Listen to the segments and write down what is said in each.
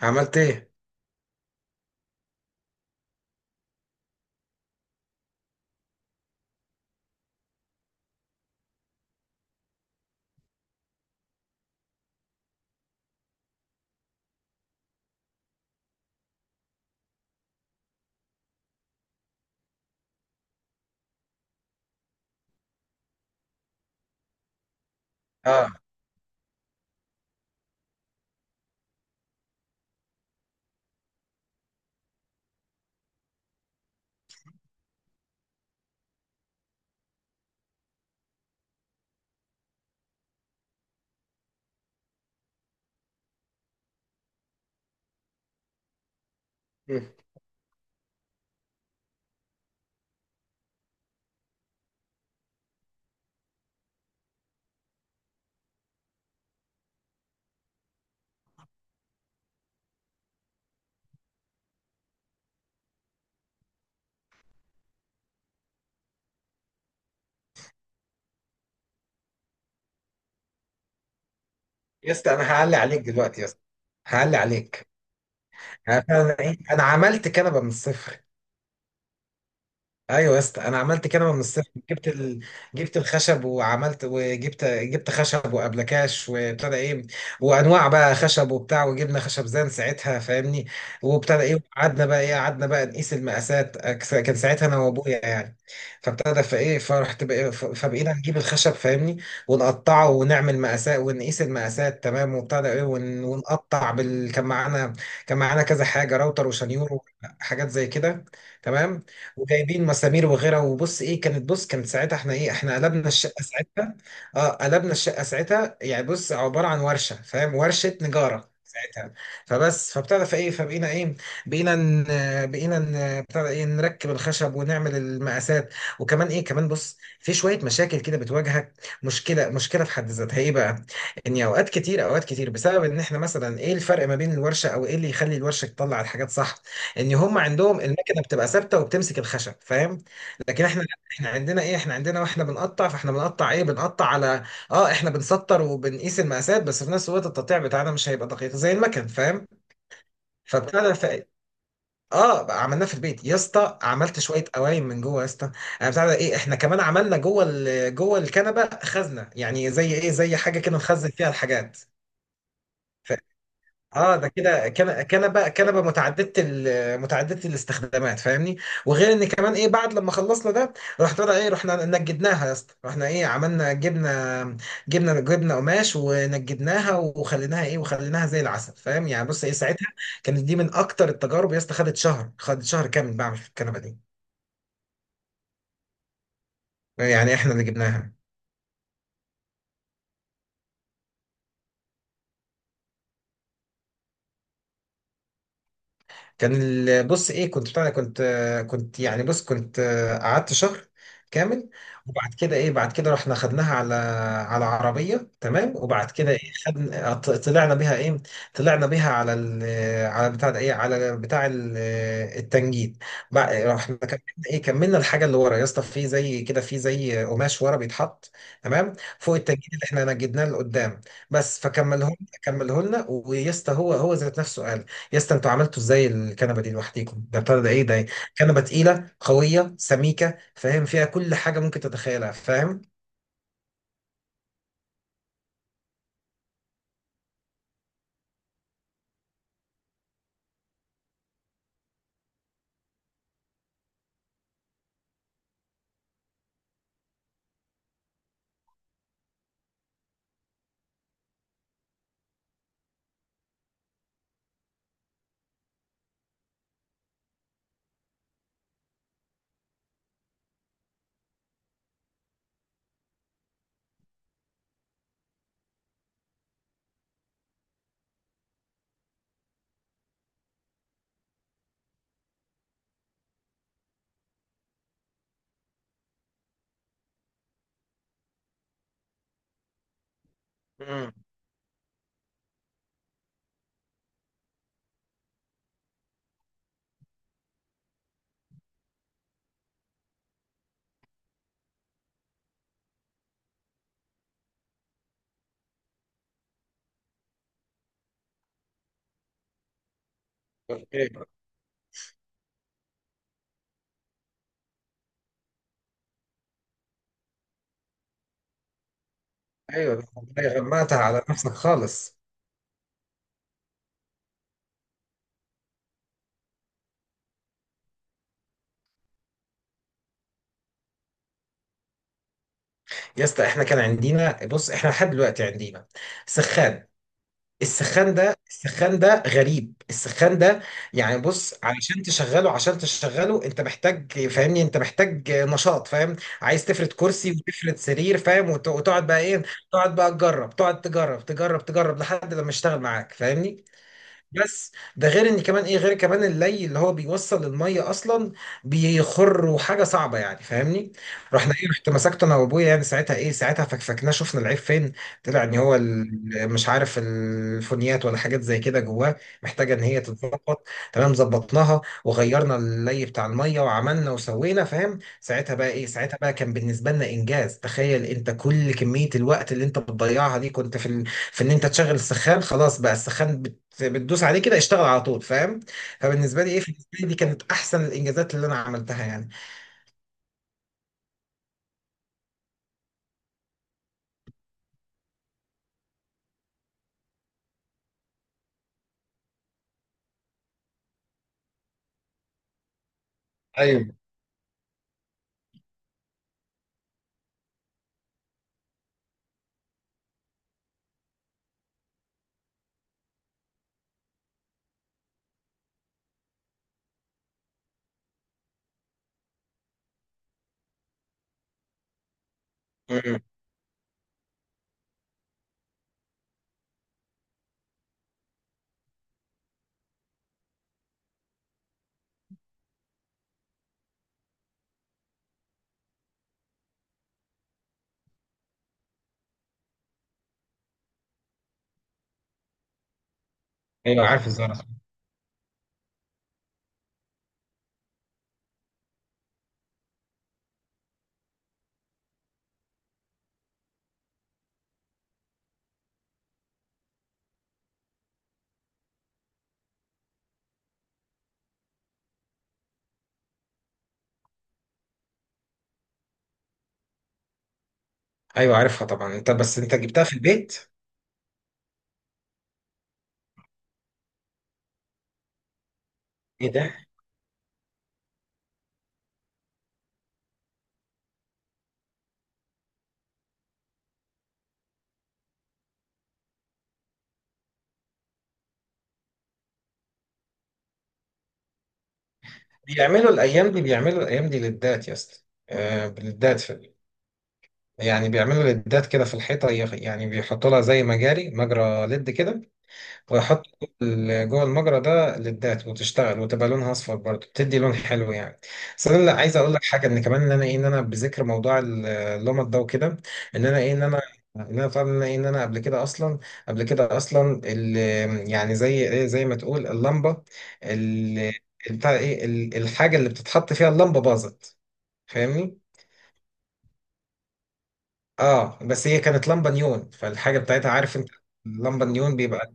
عملت ايه؟ اه. مم. يا اسطى انا هعلي عليك دلوقتي يا اسطى، هعلي عليك. انا أنا ايه انا عملت كنبه من الصفر. ايوه يا اسطى، انا عملت كده من الصفر. جبت الخشب وعملت وجبت خشب وابلكاش، وابتدى ايه، وانواع بقى خشب وبتاع، وجبنا خشب زان ساعتها فاهمني. وابتدى ايه، قعدنا بقى ايه، قعدنا بقى نقيس المقاسات، كان ساعتها انا وابويا يعني. فابتدى فايه، فرحت بقى، فبقينا نجيب الخشب فاهمني، ونقطعه ونعمل مقاسات، ونقيس المقاسات تمام. وابتدى ايه ونقطع بال، كان معانا، كان معانا كذا حاجه، راوتر وشنيور وحاجات زي كده تمام. وجايبين مسامير وغيرها. وبص ايه كانت، بص كانت ساعتها احنا ايه، احنا قلبنا الشقه ساعتها. اه قلبنا الشقه ساعتها، يعني بص عباره عن ورشه فاهم، ورشه نجاره ساعتها. فبس فابتدى فايه، فبقينا ايه، بقينا بتاع ده ايه، نركب الخشب ونعمل المقاسات. وكمان ايه، كمان بص في شويه مشاكل كده بتواجهك. مشكله، مشكله في حد ذاتها ايه بقى، ان اوقات كتير، اوقات كتير بسبب ان احنا مثلا ايه الفرق ما بين الورشه او ايه اللي يخلي الورشه تطلع الحاجات صح. ان هم عندهم المكنه بتبقى ثابته وبتمسك الخشب فاهم. لكن احنا لا، احنا عندنا ايه، احنا عندنا واحنا بنقطع، فاحنا بنقطع ايه، بنقطع على، اه احنا بنسطر وبنقيس المقاسات، بس في نفس الوقت التقطيع بتاعنا مش هيبقى دقيق زي المكن فاهم. فبتاع ده ف... اه بقى عملناه في البيت يا اسطى، عملت شويه قوايم من جوه يا اسطى. آه، بتاع ده ايه، احنا كمان عملنا جوه الكنبه خزنه، يعني زي ايه، زي حاجه كده نخزن فيها الحاجات. اه ده كده كنبه، متعدده الاستخدامات فاهمني. وغير ان كمان ايه، بعد لما خلصنا ده، رحت بقى ايه، رحنا نجدناها يا اسطى، رحنا ايه، عملنا جبنا، جبنا قماش ونجدناها وخليناها ايه، وخليناها زي العسل فاهم. يعني بص ايه ساعتها، كانت دي من اكتر التجارب يا اسطى، خدت شهر، خدت شهر كامل بعمل في الكنبه دي. يعني احنا اللي جبناها. بص ايه، كنت بتاع ده، كنت يعني بص، كنت قعدت شهر كامل. وبعد كده ايه، بعد كده رحنا خدناها على، على عربية تمام. وبعد كده ايه، خدنا طلعنا بيها ايه، طلعنا بيها على ال، على بتاع ده ايه، التنجيد. رحنا كملنا ايه، كملنا الحاجة اللي ورا يا اسطى، في زي كده في زي قماش ورا بيتحط تمام، فوق التنجيد اللي احنا نجدناه لقدام. بس فكمله، كمله لنا. ويا اسطى، هو ذات نفسه قال، يا اسطى انتوا عملتوا ازاي الكنبه دي لوحديكم؟ ده بتاع ده ايه ده، كنبه تقيله قويه سميكه فاهم، فيها كل حاجه ممكن تتخيلها فاهم. امم. اوكي. ايوه والله، غمقتها على نفسك خالص. يا اسطى احنا كان عندنا بص، احنا لحد دلوقتي عندنا سخان. السخان ده، السخان ده غريب السخان ده. يعني بص، علشان تشغله، عشان تشغله انت محتاج فاهمني، انت محتاج نشاط فاهم. عايز تفرد كرسي وتفرد سرير فاهم، وتقعد بقى ايه، تقعد بقى تجرب، تقعد تجرب، تجرب لحد لما يشتغل معاك فاهمني. بس ده غير ان كمان ايه، غير كمان اللي هو بيوصل الميه اصلا بيخر وحاجه صعبه يعني فاهمني. رحنا ايه، رحت مسكته انا وابويا يعني ساعتها ايه، ساعتها فكفكناه، شفنا العيب فين. طلع ان هو مش عارف الفونيات ولا حاجات زي كده جواه، محتاجه ان هي تتظبط. تمام، ظبطناها وغيرنا اللي بتاع الميه وعملنا وسوينا فاهم. ساعتها بقى ايه، ساعتها بقى كان بالنسبه لنا انجاز. تخيل انت كل كميه الوقت اللي انت بتضيعها دي كنت في، في ان انت تشغل السخان، خلاص بقى السخان بتدوس عليه كده اشتغل على طول فاهم. فبالنسبه لي ايه، بالنسبه لي دي كانت احسن الانجازات اللي انا عملتها يعني. ايوه. م-م. ايوه عارف الزرع. ايوه عارفها طبعا انت، بس انت جبتها في البيت؟ ايه ده. بيعملوا الايام دي، بيعملوا الايام دي للدات يا اسطى. آه، للدات. في يعني بيعملوا للدات كده في الحيطه، يعني بيحطوا لها زي مجاري، مجرى ليد كده، ويحط جوه المجرى ده للذات، وتشتغل وتبقى لونها اصفر برضه، بتدي لون حلو يعني. بس انا لا، عايز اقول لك حاجه، ان كمان ان انا ايه، ان انا بذكر موضوع اللمط ده وكده. ان انا ايه، ان انا، ان انا طبعا ان انا إيه، إن أنا قبل كده اصلا، قبل كده اصلا يعني زي ايه، زي ما تقول اللمبه، ال- بتاع ايه، الحاجه اللي بتتحط فيها اللمبه باظت فاهمني. اه بس هي كانت لمبة نيون، فالحاجة بتاعتها عارف انت، اللمبة نيون بيبقى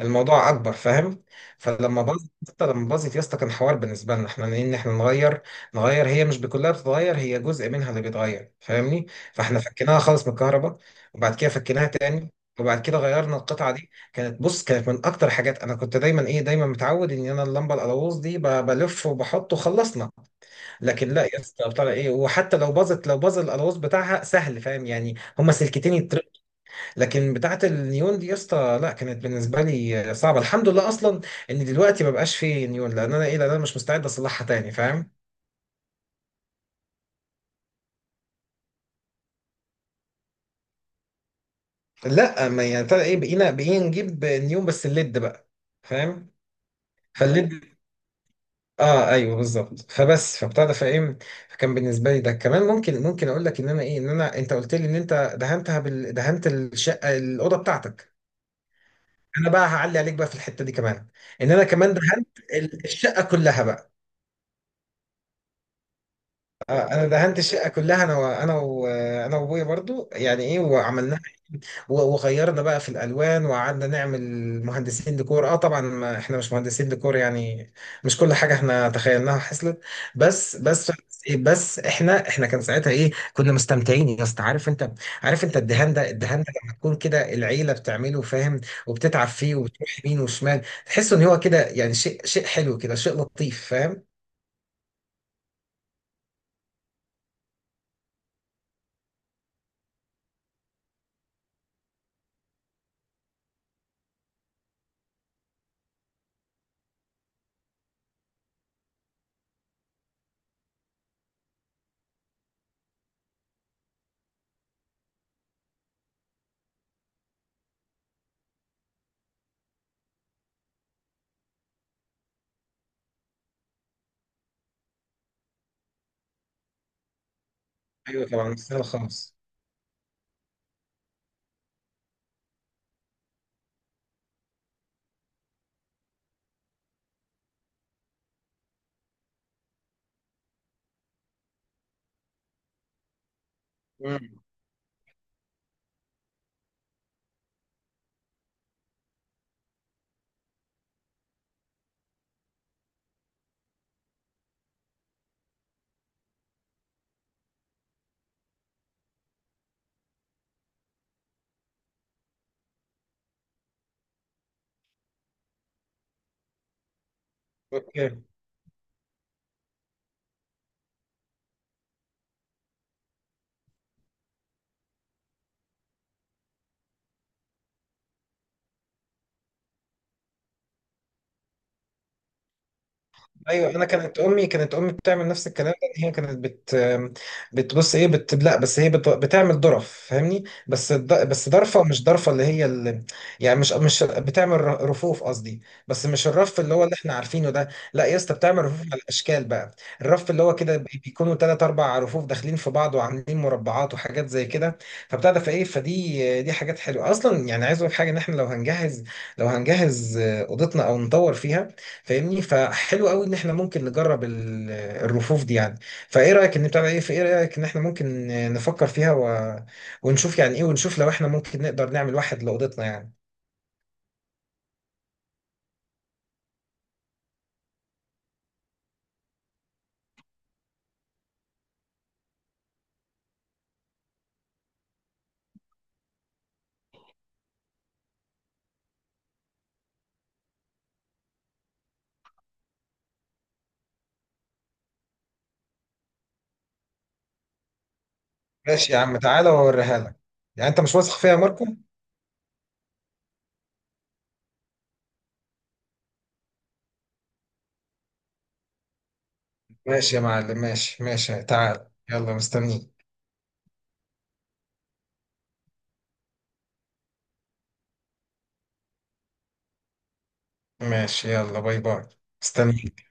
الموضوع اكبر فاهم. فلما باظت يا اسطى، لما باظت يا اسطى، كان حوار بالنسبة لنا احنا ان احنا نغير، نغير هي مش بكلها بتتغير، هي جزء منها اللي بيتغير فاهمني. فاحنا فكيناها خالص من الكهرباء، وبعد كده فكيناها تاني، وبعد كده غيرنا القطعة دي. كانت بص، كانت من اكتر حاجات انا كنت دايما ايه، دايما متعود ان انا اللمبة القلاووز دي بلف وبحط وخلصنا. لكن لا يا اسطى بتاع ايه، وحتى لو باظت، لو باظ الالواز بتاعها سهل فاهم، يعني هما سلكتين يتر... لكن بتاعه النيون دي يا اسطى لا، كانت بالنسبه لي صعبه. الحمد لله اصلا ان دلوقتي ما بقاش فيه نيون، لان انا ايه، لان انا مش مستعد اصلحها تاني فاهم. لا ما يعني بتاع ايه، بقينا، بقينا نجيب نيون بس الليد بقى فاهم. فالليد، اه ايوه بالظبط. فبس فبتاع ده فايه، فكان بالنسبه لي ده كمان، ممكن ممكن اقول لك ان انا ايه، ان انا، انت قلت لي ان انت دهنت الشقه الاوضه بتاعتك. انا بقى هعلي عليك بقى في الحته دي كمان، ان انا كمان دهنت الشقه كلها بقى. آه، انا دهنت الشقه كلها انا وانا وانا وابويا برضو يعني ايه، وعملنا و- وغيرنا بقى في الالوان، وقعدنا نعمل مهندسين ديكور. اه طبعا ما احنا مش مهندسين ديكور يعني، مش كل حاجه احنا تخيلناها حصلت. بس بس احنا، احنا كان ساعتها ايه، كنا مستمتعين يا اسطى عارف انت. عارف انت الدهان ده، الدهان ده لما تكون كده العيله بتعمله فاهم، وبتتعب فيه وبتروح يمين وشمال، تحس ان هو كده يعني شيء، شيء حلو كده، شيء لطيف فاهم. ايوه طبعا مش سهل خالص. مم. اوكي. ايوه انا كانت امي، كانت امي بتعمل نفس الكلام ده، إن هي كانت بت، بتبص ايه بت، لا بس هي بتعمل ظرف فاهمني، بس بس ضرفه مش ضرفه اللي هي ال...، يعني مش بتعمل رفوف قصدي، بس مش الرف اللي هو اللي احنا عارفينه ده. لا يا اسطى، بتعمل رفوف على الاشكال بقى. الرف اللي هو كده بيكونوا ثلاث اربع رفوف داخلين في بعض وعاملين مربعات وحاجات زي كده. فبتاع ده فايه، فدي حاجات حلوه اصلا. يعني عايز اقول حاجه، ان احنا لو هنجهز، لو هنجهز اوضتنا او نطور فيها فاهمني، فحلو قوي ان احنا ممكن نجرب الرفوف دي يعني. فايه رايك ان بتاع ايه، في ايه رايك ان احنا ممكن نفكر فيها و... ونشوف يعني ايه، ونشوف لو احنا ممكن نقدر نعمل واحد لاوضتنا يعني. ماشي يا عم، تعالى واوريها لك. يعني انت مش واثق فيا يا ماركو؟ ماشي يا معلم، ماشي تعال يلا مستنيك. ماشي، يلا باي باي. مستنيك.